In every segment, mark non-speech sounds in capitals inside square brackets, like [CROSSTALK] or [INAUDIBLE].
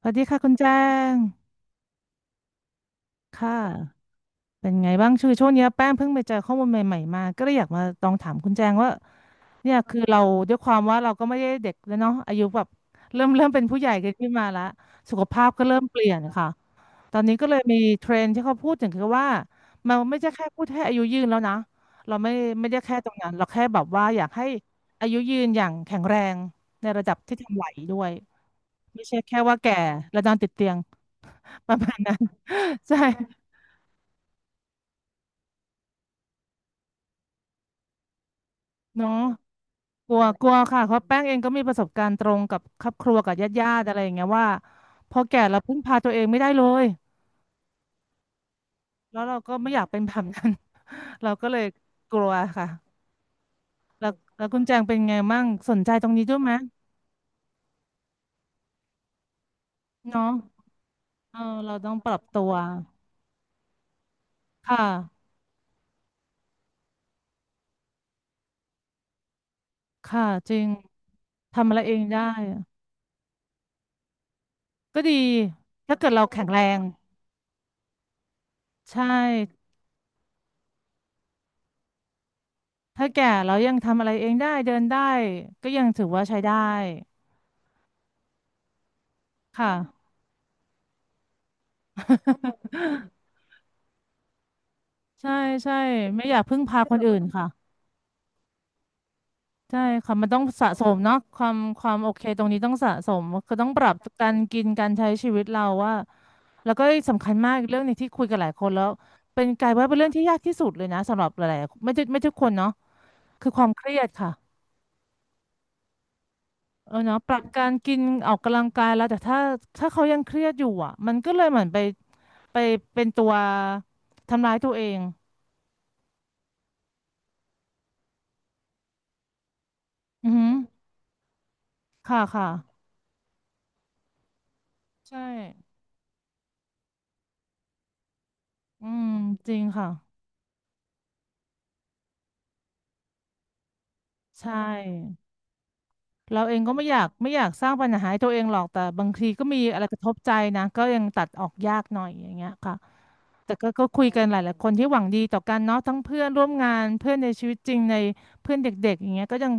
สวัสดีค่ะคุณแจ้งค่ะเป็นไงบ้างช่วงช่วงเนี้ยแป้งเพิ่งไปเจอข้อมูลใหม่ๆมาก็เลยอยากมาลองถามคุณแจงว่าเนี่ยคือเราด้วยความว่าเราก็ไม่ได้เด็กแล้วเนาะอายุแบบเริ่มเป็นผู้ใหญ่กันขึ้นมาละสุขภาพก็เริ่มเปลี่ยนค่ะตอนนี้ก็เลยมีเทรนด์ที่เขาพูดถึงคือว่ามันไม่ใช่แค่พูดให้อายุยืนแล้วนะเราไม่ได้แค่ตรงนั้นเราแค่แบบว่าอยากให้อายุยืนอย่างแข็งแรงในระดับที่ทำไหวด้วยไม่ใช่แค่ว่าแก่แล้วนอนติดเตียง ประมาณนั้น [LAUGHS] ใช่เนาะกลัวกลัวค่ะเพราะแป้งเองก็มีประสบการณ์ตรงกับครอบครัวกับญาติญาติอะไรอย่างเงี้ยว่าพอแก่เราพึ่งพาตัวเองไม่ได้เลยแล้วเราก็ไม่อยากเป็นแบบนั้น [LAUGHS] เราก็เลยกลัวค่ะแล้วแล้วคุณแจงเป็นไงมั่งสนใจตรงนี้ด้วยไหมเนาะเออเราต้องปรับตัวค่ะค่ะจริงทำอะไรเองได้ก็ดีถ้าเกิดเราแข็งแรงใช่ ถ้าแก่แล้วยังทำอะไรเองได้เดินได้ก็ยังถือว่าใช้ได้ค่ะ [LAUGHS] ใช่ใช่ไม่อยากพึ่งพาคนอื่นค่ะใช่ค่ะมันต้องสะสมเนาะความโอเคตรงนี้ต้องสะสมก็ต้องปรับการกินการใช้ชีวิตเราว่าแล้วก็สำคัญมากอีกเรื่องหนึงที่คุยกับหลายคนแล้วเป็นกลายว่าเป็นเรื่องที่ยากที่สุดเลยนะสำหรับหลายๆไม่ใช่ไม่ทุกคนเนาะคือความเครียดค่ะเออเนาะปรับการกินออกกำลังกายแล้วแต่ถ้าเขายังเครียดอยู่อ่ะมันก็เลยเหมือนไปเป็นตัวทำร้ายตัวเองอือหือค่ะค่ะ ใช่อืมจริงค่ะ ใช่ เราเองก็ไม่อยากสร้างปัญหาให้ตัวเองหรอก แต่บางทีก็มีอะไรกระทบใจนะก็ยังตัดออกยากหน่อยอย่างเงี้ยค่ะแต่ก็ก็คุยกันหลายๆคนที่หวังดีต่อกันเนาะทั้งเพื่อนร่วมงานเพื่อนในชีวิตจริงในเพื่อนเด็กๆอย่างเงี้ยก็ยัง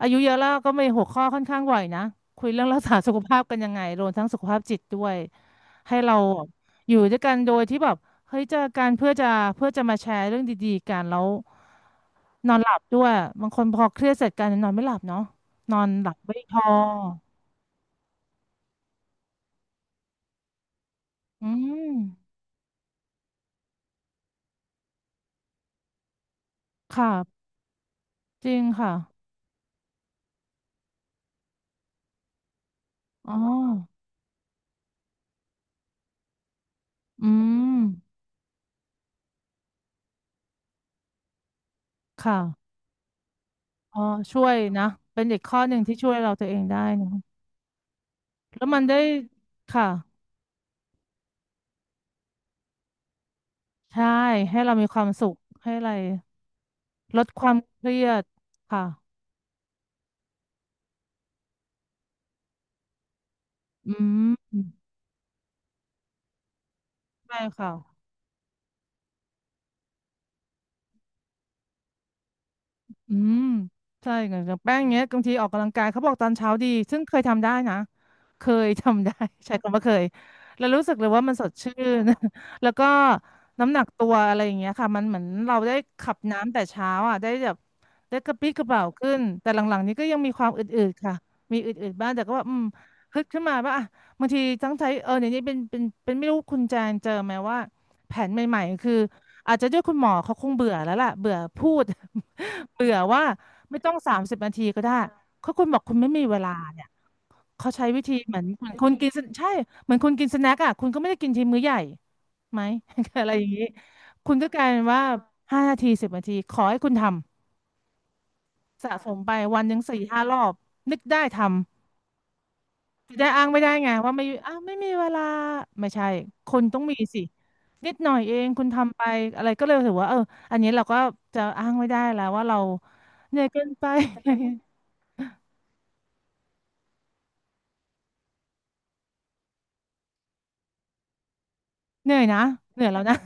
อายุเยอะแล้วก็มีหัวข้อค่อนข้างบ่อยนะคุยเรื่องรักษาสุขภาพกันยังไงรวมทั้งสุขภาพจิตด้วยให้เราอยู่ด้วยกันโดยที่แบบเฮ้ยเจอกันเพื่อจะมาแชร์เรื่องดีๆกันแล้วนอนหลับด้วยบางคนพอเครียดเสร็จกันนอนไม่หลับเนาะนอนหลับไม่พออืมค่ะจริงค่ะอ๋ออืมค่ะอ๋อช่วยนะเป็นอีกข้อหนึ่งที่ช่วยเราตัวเองได้นะแล้วมันได้ค่ะ ใช่ให้เรามีความสุขให้อะไรลดความเครียดค่ะอืมใช่ค่ะ อืมใช่ไงอย่างแป้งเนี้ยบางทีออกกำลังกายเขาบอกตอนเช้าดีซึ่งเคยทำได้นะเคยทำได้ [LAUGHS] ใช้คำว่าเคยแล้วรู้สึกเลยว่ามันสดชื่น [LAUGHS] แล้วก็น้ำหนักตัวอะไรอย่างเงี้ยค่ะมันเหมือนเราได้ขับน้ำแต่เช้าอ่ะได้แบบได้กระปรี้กระเปร่าขึ้นแต่หลังๆนี้ก็ยังมีความอืดๆค่ะมีอืดๆบ้างแต่ก็ว่าอืมฮึดขึ้นมาว่าอ่ะบางทีตั้งใจเออเดี๋ยวนี้เป็นไม่รู้คุณแจนเจอไหมว่าแผนใหม่ๆคืออาจจะด้วยคุณหมอเขาคงเบื่อแล้วล่ะเบื่อพูด เบื่อว่าไม่ต้อง30 นาทีก็ได้เขาคุณบอกคุณไม่มีเวลาเนี่ยเขาใช้วิธีเหมือนคนกินสใช่เหมือนคนกินสแน็คอ่ะคุณก็ไม่ได้กินทีมื้อใหญ่ไหม [LAUGHS] อะไรอย่างนี้คุณก็กลายเป็นว่า5 นาที 10 นาทีขอให้คุณทำสะสมไปวันหนึ่ง4-5 รอบนึกได้ทำจะได้อ้างไม่ได้ไงว่าไม่อ้าวไม่มีเวลาไม่ใช่คนต้องมีสินิดหน่อยเองคุณทำไปอะไรก็เลยถือว่าเอออันนี้เราก็จะอ้างไม่ได้แล้วว่าเราเหนื่อยเกินไป เหนื่อยนะเหนื่อยแล้วนะ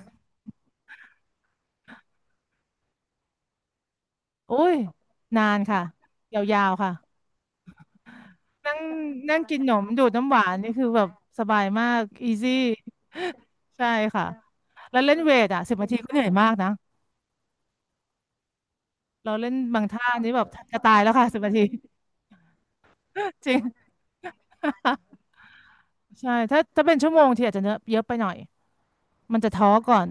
[LAUGHS] โอ้ยนานค่ะยาวๆค่ะนั่งนั่งกินขนมดูดน้ำหวานนี่คือแบบสบายมากอีซี่ [LAUGHS] ใช่ค่ะแล้วเล่นเวทอ่ะสิบนาทีก็เหนื่อยมากนะเราเล่นบางท่านี่แบบจะตายแล้วค่ะสิบนาที [LAUGHS] จริง [LAUGHS] ใช่ถ้าเป็นชั่วโมงทีอาจจะเนอะเยอะไปหน่อยมันจะท้อก่อน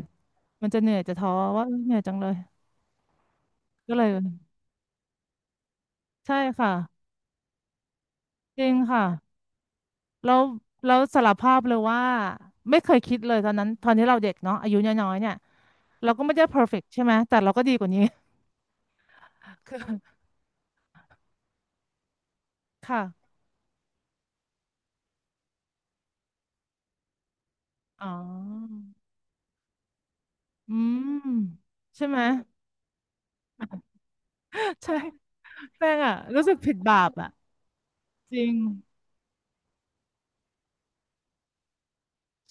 มันจะเหนื่อยจะท้อว่าเอ้ยเหนื่อยจังเลยก็เลยใช่ค่ะจริงค่ะ แล้วแล้วสารภาพเลยว่าไม่เคยคิดเลยตอนนั้นตอนที่เราเด็กเนาะอายุน้อยๆเนี่ยเราก็ไม่ได้ perfect ใช่ไหมแต่เราก็ดีกว่านี้ [LAUGHS] คือค่ะอ๋ออืมใช่ไหม [LAUGHS] ใช่แป้งอะรู้สึกผิดบาปอะจริง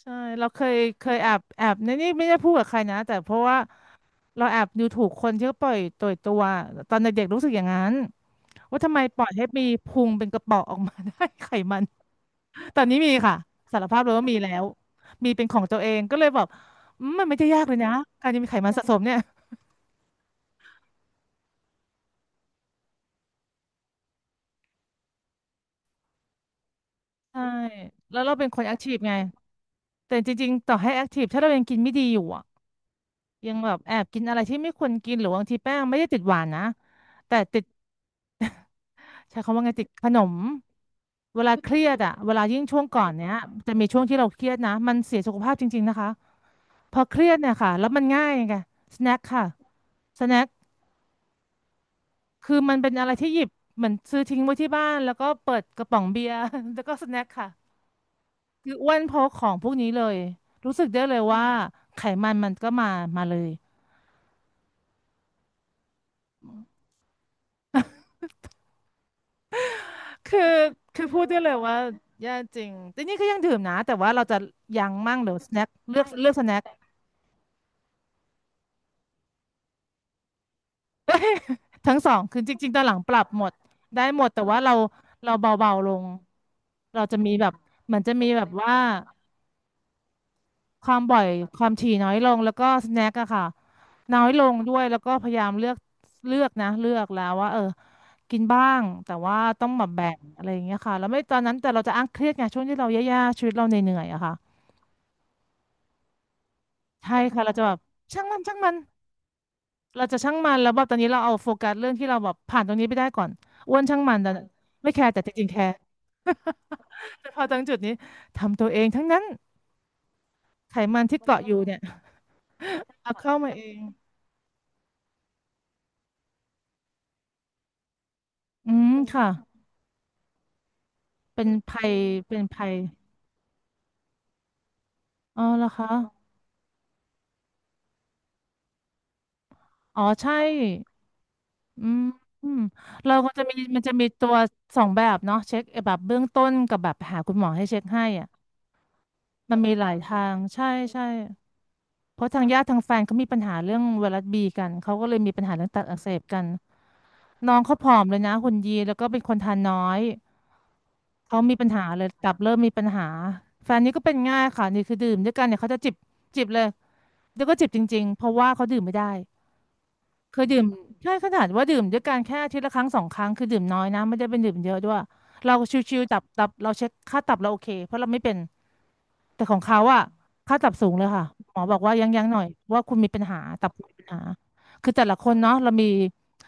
ใช่เราเคยเคยแอบในนี่ไม่ได้พูดกับใครนะแต่เพราะว่าเราแอบดูถูกคนที่เขาปล่อยตัวตอนเด็กๆรู้สึกอย่างนั้นว่าทำไมปล่อยให้มีพุงเป็นกระเป๋อออกมา [LAUGHS] ได้ [LAUGHS] ไขมัน ตอนนี้มีค่ะสารภาพเลยว่ามีแล้วมีเป็นของตัวเองก็เลยแบบอืมมันไม่ได้ยากเลยนะการจะมีไขมันสะสมเนี่ยใช่แล้วเราเป็นคนแอคทีฟไงแต่จริงๆต่อให้แอคทีฟถ้าเรายังกินไม่ดีอยู่อ่ะยังแบบแอบกินอะไรที่ไม่ควรกินหรือบางทีแป้งไม่ได้ติดหวานนะแต่ติดใช้คำว่าไงติดขนมเวลาเครียดอ่ะเวลายิ่งช่วงก่อนเนี้ยจะมีช่วงที่เราเครียดนะมันเสียสุขภาพจริงๆนะคะพอเครียดเนี่ยค่ะแล้วมันง่ายไงสแน็คค่ะสแน็ค คือมันเป็นอะไรที่หยิบเหมือนซื้อทิ้งไว้ที่บ้านแล้วก็เปิดกระป๋องเบียร์ [LAUGHS] แล้วก็สแน็คค่ะคืออ้วนเพราะของพวกนี้เลยรู้สึกได้เลยว่าไขมันมันก็มามาเลยคือคือพูดได้เลยว่าแย่จริงแต่นี่ก็ยังดื่มนะแต่ว่าเราจะยั้งมั่งหรือสแน็คเลือกเลือกสแน็คทั้งสองคือจริงๆตอนหลังปรับหมดได้หมดแต่ว่าเราเบาๆลงเราจะมีแบบเหมือนจะมีแบบว่า ความบ่อยความถี่น้อยลงแล้วก็สแน็คอะค่ะน้อยลงด้วยแล้วก็พยายามเลือกเลือกนะเลือกแล้วว่าเออกินบ้างแต่ว่าต้องแบบแบ่งอะไรอย่างเงี้ยค่ะแล้วไม่ตอนนั้นแต่เราจะอ้างเครียดไงช่วงที่เราแย่ๆชีวิตเราเหนื่อยๆอะค่ะใช่ค่ะเราจะแบบช่างมันช่างมันเราจะช่างมันแล้วแบบตอนนี้เราเอาโฟกัสเรื่องที่เราแบบผ่านตรงนี้ไปได้ก่อนอ้วนช่างมันแต่ไม่แคร์แต่จริงๆแคร์แต่พอตรงจุดนี้ทำตัวเองทั้งนั้นไขมันที่เกาะอยู่เนี่ยเอาเข้ามาเองอืมค่ะเป็นภัยเป็นภัย อ๋อเหรอคะอ๋อใช่อืมอืมเราก็จะมีมันจะมีตัวสองแบบเนาะเช็คแบบเบื้องต้นกับแบบหาคุณหมอให้เช็คให้อ่ะมันมีหลายทางใช่ใช่เพราะทางญาติทางแฟนเขามีปัญหาเรื่องไวรัสบีกันเขาก็เลยมีปัญหาเรื่องตับอักเสบกันน้องเขาผอมเลยนะหุ่นดีแล้วก็เป็นคนทานน้อยเขามีปัญหาเลยตับเริ่มมีปัญหาแฟนนี่ก็เป็นง่ายค่ะนี่คือดื่มด้วยกันเนี่ยเขาจะจิบจิบเลยแล้วก็จิบจริงๆเพราะว่าเขาดื่มไม่ได้ เคยดื่มใช่ขนาดว่าดื่มด้วยกันแค่อาทิตย์ละครั้งสองครั้งคือดื่มน้อยนะไม่ได้เป็นดื่มเยอะด้วยเราชิวๆตับเราเช็คค่าตับเราโอเคเพราะเราไม่เป็นแต่ของเขาอะค่าตับสูงเลยค่ะหมอบอกว่ายังหน่อยว่าคุณมีปัญหาตับคุณมีปัญหาคือแต่ละคนเนาะเรามี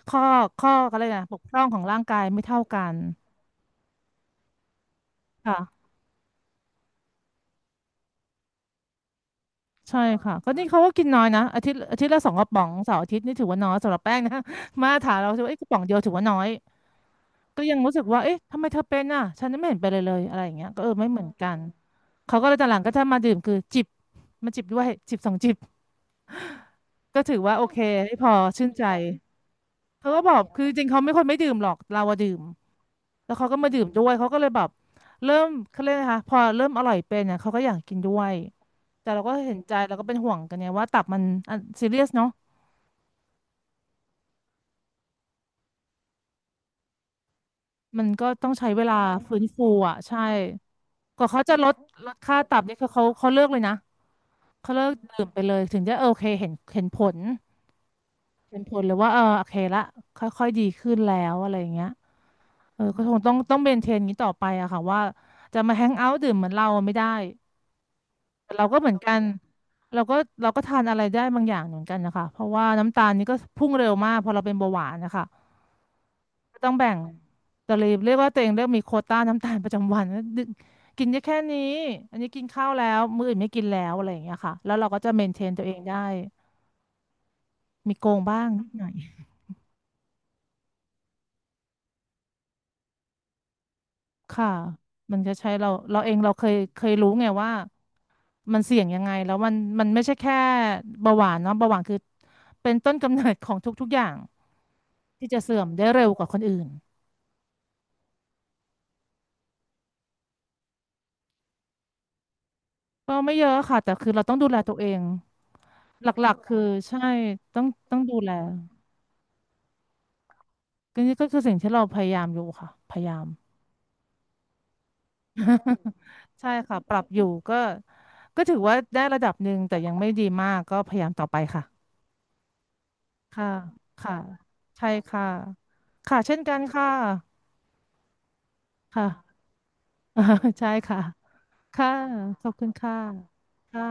ข้ออะไรนะบกพร่องของร่างกายไม่เท่ากันค่ะใช่ค่ะก็นี่เขาก็กินน้อยนะอาทิตย์ละสองกระป๋องเสาร์อาทิตย์นี่ถือว่าน้อยสำหรับแป้งนะ [LAUGHS] มาถรามเราถือว่าเอ้ยกระป๋องเดียวถือว่าน้อย ก็ยังรู้สึกว่าเอ๊ะทำไมเธอเป็นอ่ะฉันไม่เห็นเป็นเลยเลยอะไรอย่างเงี้ยก็เออไม่อเหมือนกันเขาก็เลยตอนหลังก็จะมาดื่มคือจิบมาจิบด้วยจิบสองจิบก็ถือว่าโอเคให้พอชื่นใจเขาก็บอกคือจริงๆเขาไม่ค่อยไม่ดื่มหรอกเราอะดื่มแล้วเขาก็มาดื่มด้วยเขาก็เลยแบบเริ่มเขาเรียกนะคะพอเริ่มอร่อยเป็นเนี่ยเขาก็อยากกินด้วยแต่เราก็เห็นใจเราก็เป็นห่วงกันเนี่ยว่าตับมันซีเรียสเนาะมันก็ต้องใช้เวลาใฟื้นฟูอ่ะใช่กว่าเขาจะลดลดค่าตับนี่คือเขาเลิกเลยนะ เขาเลิกดื่มไปเลยถึงจะโอเคเห็นเห็นผลเห็นผลเลยว่าเออโอเคละค่อยๆดีขึ้นแล้วอะไรอย่างเงี้ยเออก็คงต้องเมนเทนอย่างนี้ต่อไปอะค่ะว่าจะมาแฮงเอาท์ดื่มเหมือนเราไม่ได้แต่เราก็เหมือนกันเราก็เราก็ทานอะไรได้บางอย่างเหมือนกันนะคะเพราะว่าน้ำตาลนี่ก็พุ่งเร็วมากพอเราเป็นเบาหวานนะคะก็ต้องแบ่งแต่เรียกว่าตัวเองเริ่มมีโควต้าน้ำตาลประจำวันแล้วดึกกินได้แค่นี้อันนี้กินข้าวแล้วมื้ออื่นไม่กินแล้วอะไรอย่างเงี้ยค่ะแล้วเราก็จะเมนเทนตัวเองได้ มีโกงบ้างนิดหน่อยค่ะมันจะใช้เราเองเราเคยรู้ไงว่ามันเสี่ยงยังไงแล้วมันไม่ใช่แค่เบาหวานเนาะเบาหวานคือเป็นต้นกำเนิดของทุกๆอย่างที่จะเสื่อมได้เร็วกว่าคนอื่นก็ไม่เยอะค่ะแต่คือเราต้องดูแลตัวเองหลักๆคือใช่ต้องต้องดูแลก็นี่ก็คือสิ่งที่เราพยายามอยู่ค่ะพยายาม [LAUGHS] ใช่ค่ะปรับอยู่ก็ก็ถือว่าได้ระดับหนึ่งแต่ยังไม่ดีมากก็พยายามต่อไปค่ะ ค่ะค่ะใช่ค่ะค่ะเช่นกันค่ะค่ะ [LAUGHS] ใช่ค่ะค่ะขอบคุณค่ะค่ะ